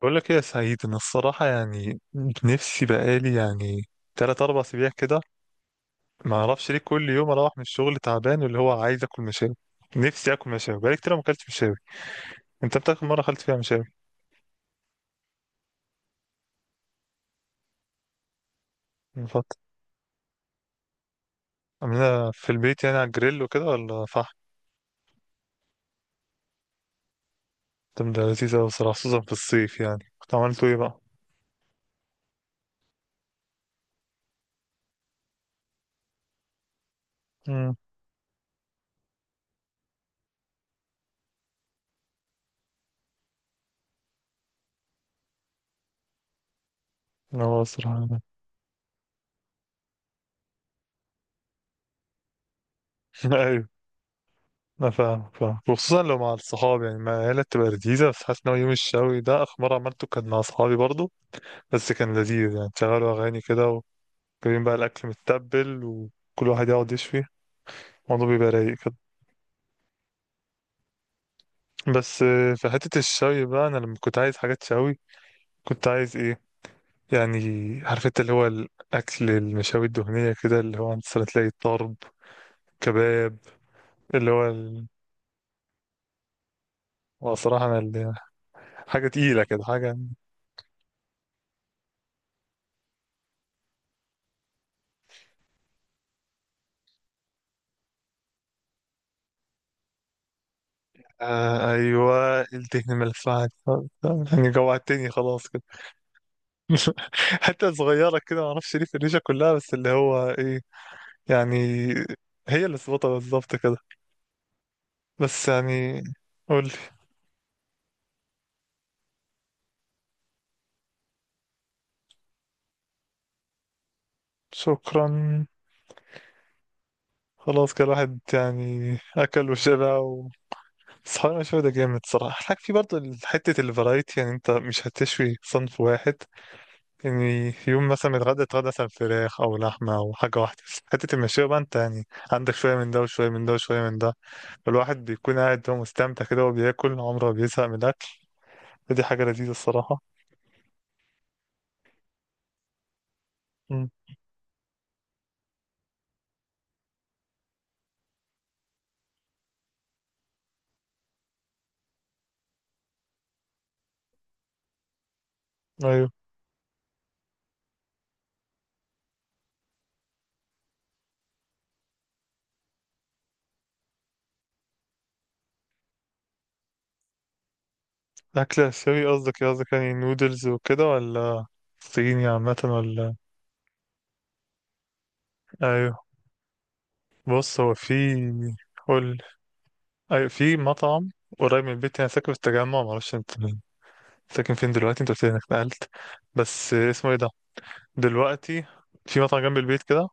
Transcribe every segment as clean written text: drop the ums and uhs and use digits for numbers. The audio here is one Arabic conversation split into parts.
بقول لك ايه يا سعيد، انا الصراحه يعني نفسي بقالي يعني تلات اربع اسابيع كده. ما اعرفش ليه كل يوم اروح من الشغل تعبان، واللي هو عايز اكل مشاوي. نفسي اكل مشاوي بقالي كتير ما اكلتش مشاوي. انت بتاكل مره اكلت فيها مشاوي؟ من فتره عاملها في البيت يعني على الجريل وكده ولا فحم؟ طب ده لذيذ قوي الصراحه، خصوصا في الصيف. يعني كنت عملته ايه بقى؟ امم هو الصراحه ايوه، انا فاهم وخصوصا لو مع الصحاب يعني مع العيله بتبقى لذيذه. بس حاسس ان هو يوم الشوي ده اخر مره عملته كان مع صحابي برضه. بس كان لذيذ، يعني تشغلوا أغاني كده، وجايبين بقى الأكل متبل وكل واحد يقعد يشوي. الموضوع بيبقى رايق كده. بس في حتة الشوي بقى، أنا لما كنت عايز حاجات شوي، كنت عايز إيه يعني؟ عارف أنت اللي هو الأكل المشاوي الدهنية كده، اللي هو أنت مثلاً تلاقي طرب، كباب، اللي هو ال... وصراحة أنا اللي... حاجة تقيلة كده، حاجة. آه أيوة، الدهن الملفعة، يعني جوعتني خلاص كده. حتة صغيرة كده، معرفش ليه في الريشة كلها، بس اللي هو إيه يعني، هي اللي ظبطها بالظبط كده. بس يعني، قولي. شكرا. خلاص كده الواحد يعني أكل وشبع و- بس حوالي مشوي ده جامد صراحة. الحاجة في برضه حتة الفرايتي، يعني أنت مش هتشوي صنف واحد. يعني يوم مثلا اتغدى، مثلا فراخ أو لحمة أو حاجة واحدة. حتة المشوية بقى أنت يعني عندك شوية من ده وشوية من ده وشوية من ده. الواحد بيكون قاعد هو مستمتع كده وهو بياكل، عمره ما بيزهق من الأكل. فدي حاجة لذيذة الصراحة. مم. أيوه. أكل آسيوي قصدك إيه؟ قصدك يعني نودلز وكده، ولا صيني عامة ولا؟ أيوه. بص هو في، قول. أيوه، في مطعم قريب من البيت يعني، أنا ساكن في التجمع، معرفش أنت ساكن فين دلوقتي، أنت قلت لي إنك نقلت. بس اسمه إيه ده دلوقتي؟ في مطعم جنب البيت كده،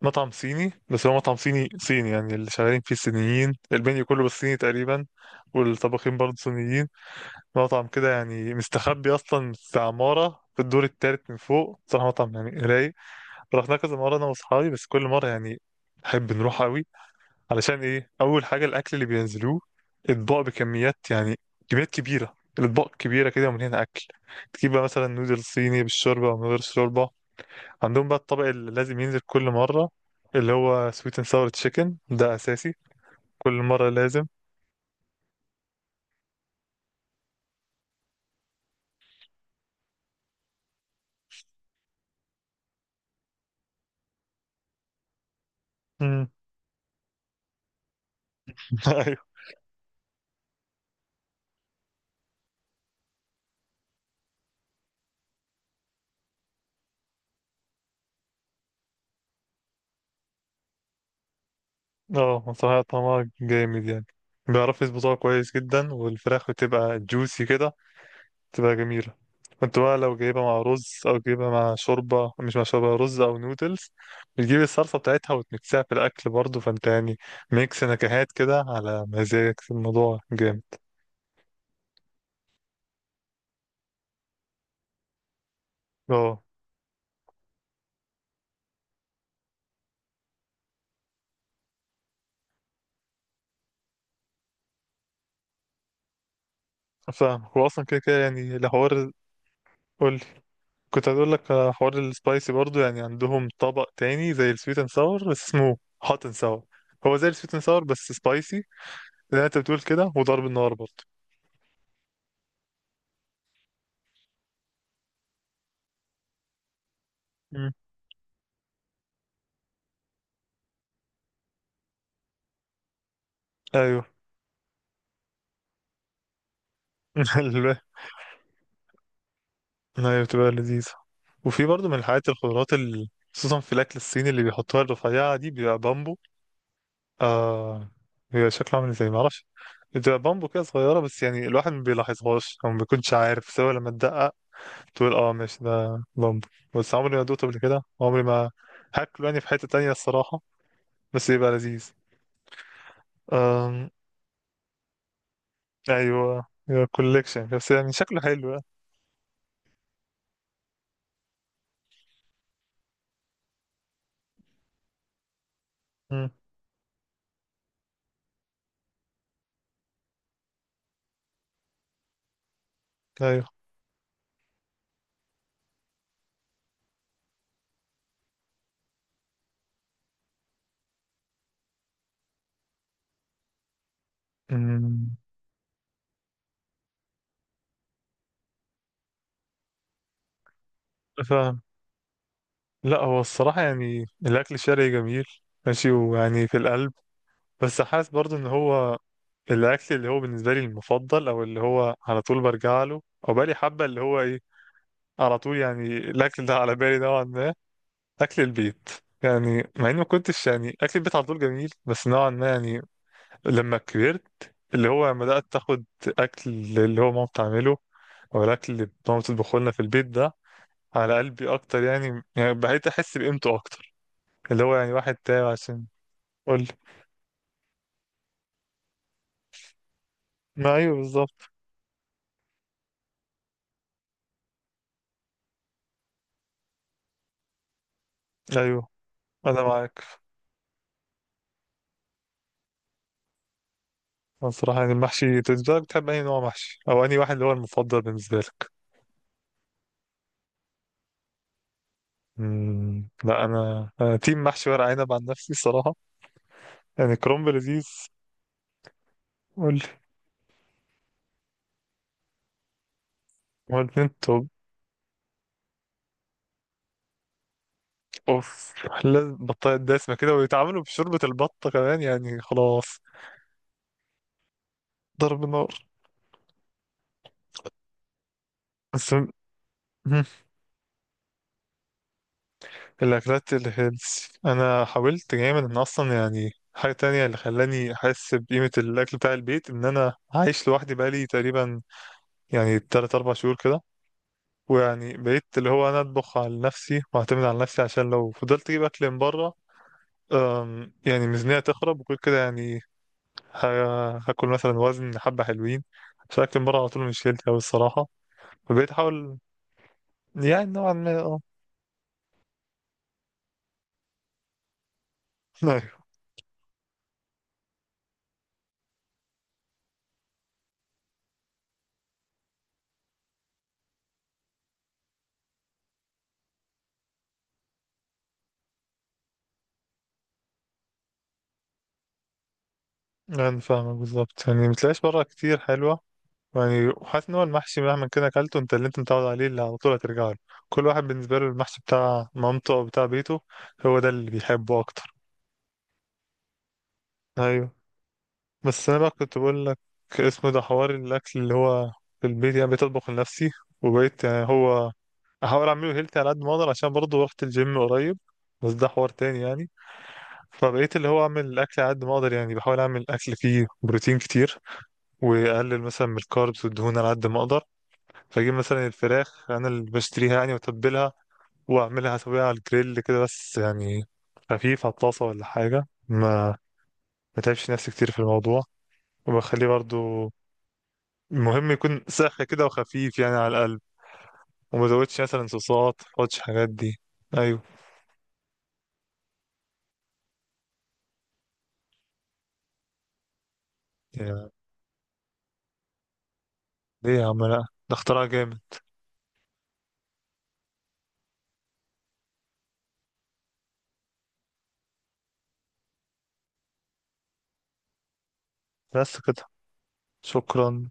مطعم صيني، بس هو مطعم صيني صيني، يعني اللي شغالين فيه صينيين، المنيو كله بالصيني تقريبا، والطباخين برضه صينيين. مطعم كده يعني مستخبي اصلا في عمارة في الدور التالت من فوق. صراحة مطعم يعني رايق. رحنا كذا مرة أنا وأصحابي، بس كل مرة يعني نحب نروح أوي. علشان إيه؟ أول حاجة الأكل اللي بينزلوه أطباق بكميات يعني، كميات كبيرة، الأطباق كبيرة كده ومليانة أكل. تجيب بقى مثلا نودل صيني بالشوربة أو من غير شوربة. عندهم بقى الطبق اللي لازم ينزل كل مرة، اللي هو سويت اند ساور تشيكن، ده أساسي كل مرة لازم. مم. أيوه. أه صراحة طعمها جامد يعني، بيعرفوا يظبطوها كويس جدا، والفراخ بتبقى جوسي كده، تبقى جميلة. كنت بقى لو جايبها مع رز أو جايبها مع شوربة، مش مع شوربة، رز أو نودلز، بتجيب الصلصة بتاعتها وتمكسها في الأكل برضه. فأنت يعني ميكس نكهات كده على مزاجك، الموضوع جامد. اه. فاهم، هو أصلا كده كده يعني الحوار. قولي. كنت هقول لك على حوار السبايسي برضه. يعني عندهم طبق تاني زي السويت اند ساور، بس اسمه هوت اند ساور. هو زي السويت اند ساور بس سبايسي، زي ما انت بتقول كده، وضرب النار برضه. مم. ايوه. هي بتبقى لذيذة. وفي برضه من الحاجات الخضروات ال- خصوصا في الأكل الصيني اللي بيحطوها الرفيعة دي، بيبقى بامبو. آه، بيبقى شكله عامل ازاي معرفش، بتبقى بامبو كده صغيرة، بس يعني الواحد ما بيلاحظهاش أو ما بيكونش عارف، سواء لما تدقق تقول اه ماشي ده بامبو. بس عمري ما دوقته قبل كده، عمري ما هاكله يعني في حتة تانية الصراحة. بس يبقى لذيذ. آم، أيوه، يبقى كوليكشن، بس يعني شكله حلو يعني. مم. أيوه. مم. فاهم. لا هو الصراحة يعني الأكل الشرقي جميل، ماشي ويعني في القلب. بس حاسس برضو إن هو الأكل اللي هو بالنسبة لي المفضل، أو اللي هو على طول برجع له، أو بقالي حبة اللي هو إيه، على طول يعني الأكل ده على بالي نوعا ما، أكل البيت. يعني مع إني ما كنتش يعني أكل البيت على طول جميل، بس نوعا ما يعني لما كبرت، اللي هو لما بدأت تاخد أكل، اللي هو ماما بتعمله، أو الأكل اللي ماما بتطبخه لنا في البيت ده، على قلبي أكتر يعني، يعني بقيت أحس بقيمته أكتر، اللي هو يعني واحد تاعي عشان، قول لي. ما ايوه بالظبط. ايوه، انا معاك. أنا الصراحه يعني المحشي، انت بالنسبه لك بتحب اي نوع محشي، او انهي واحد اللي هو المفضل بالنسبه لك؟ امم، لا انا، انا تيم محشي ورق عنب عن نفسي الصراحه. يعني كرنب لذيذ. قول لي. هما الاتنين توب. اوف، لازم بطاطا دسمه كده، ويتعاملوا بشوربه البطه كمان، يعني خلاص، ضرب نار. بس الأكلات الهيلثي أنا حاولت جامد، إن أصلا يعني حاجة تانية اللي خلاني أحس بقيمة الأكل بتاع البيت، إن أنا عايش لوحدي بقالي تقريبا يعني تلات أربع شهور كده، ويعني بقيت اللي هو أنا أطبخ على نفسي وأعتمد على نفسي، عشان لو فضلت أجيب أكل من بره، يعني ميزانية تخرب وكل كده يعني، ه- هاكل مثلا وزن حبة حلوين، عشان أكل من بره على طول مش هيلثي أوي الصراحة. فبقيت أحاول يعني نوعا ما أه. أيوه. يعني فاهمك بالظبط، يعني متلاقيش بره كتير حلوة. يعني حاسس ان هو المحشي مهما كده اكلته، انت اللي انت متعود عليه، اللي على طول هترجع له. كل واحد بالنسبه له المحشي بتاع مامته او بتاع بيته، هو ده اللي بيحبه اكتر. ايوه. بس انا بقى كنت بقول لك، اسمه ده حوار الاكل اللي هو في البيت. يعني بقيت اطبخ لنفسي، وبقيت يعني هو احاول اعمله هيلثي على قد ما اقدر، عشان برضه رحت الجيم قريب، بس ده حوار تاني يعني. فبقيت اللي هو اعمل الاكل على قد ما اقدر، يعني بحاول اعمل اكل فيه بروتين كتير، واقلل مثلا من الكاربس والدهون على قد ما اقدر. فاجيب مثلا الفراخ انا اللي بشتريها يعني واتبلها، واعملها اسويها على الجريل كده، بس يعني خفيف على الطاسه ولا حاجه، ما ما تعبش نفسي كتير في الموضوع. وبخليه برضو المهم يكون ساخن كده، وخفيف يعني على القلب، وما زودش مثلا صوصات، ما احطش حاجات دي. ايوه. يا ليه يا عم لا، ده اختراع جامد. بس كده؟ شكرا.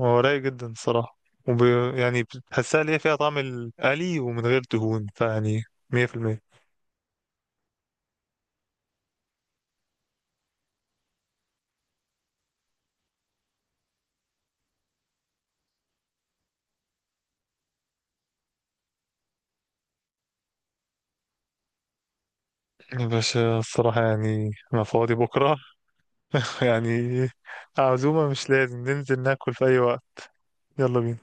هو رايق جدا الصراحه، وب... يعني بتحسها ليه فيها طعم القلي ومن غير دهون، فيعني 100%. بس الصراحة يعني أنا فاضي بكرة. يعني عزومة مش لازم ننزل ناكل في أي وقت، يلا بينا.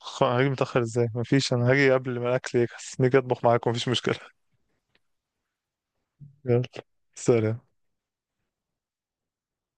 خ- هاجي متأخر ازاي؟ مفيش، أنا هاجي قبل ما الأكل يجهز، نيجي أطبخ معاكم، مفيش مشكلة. يلا. سلام.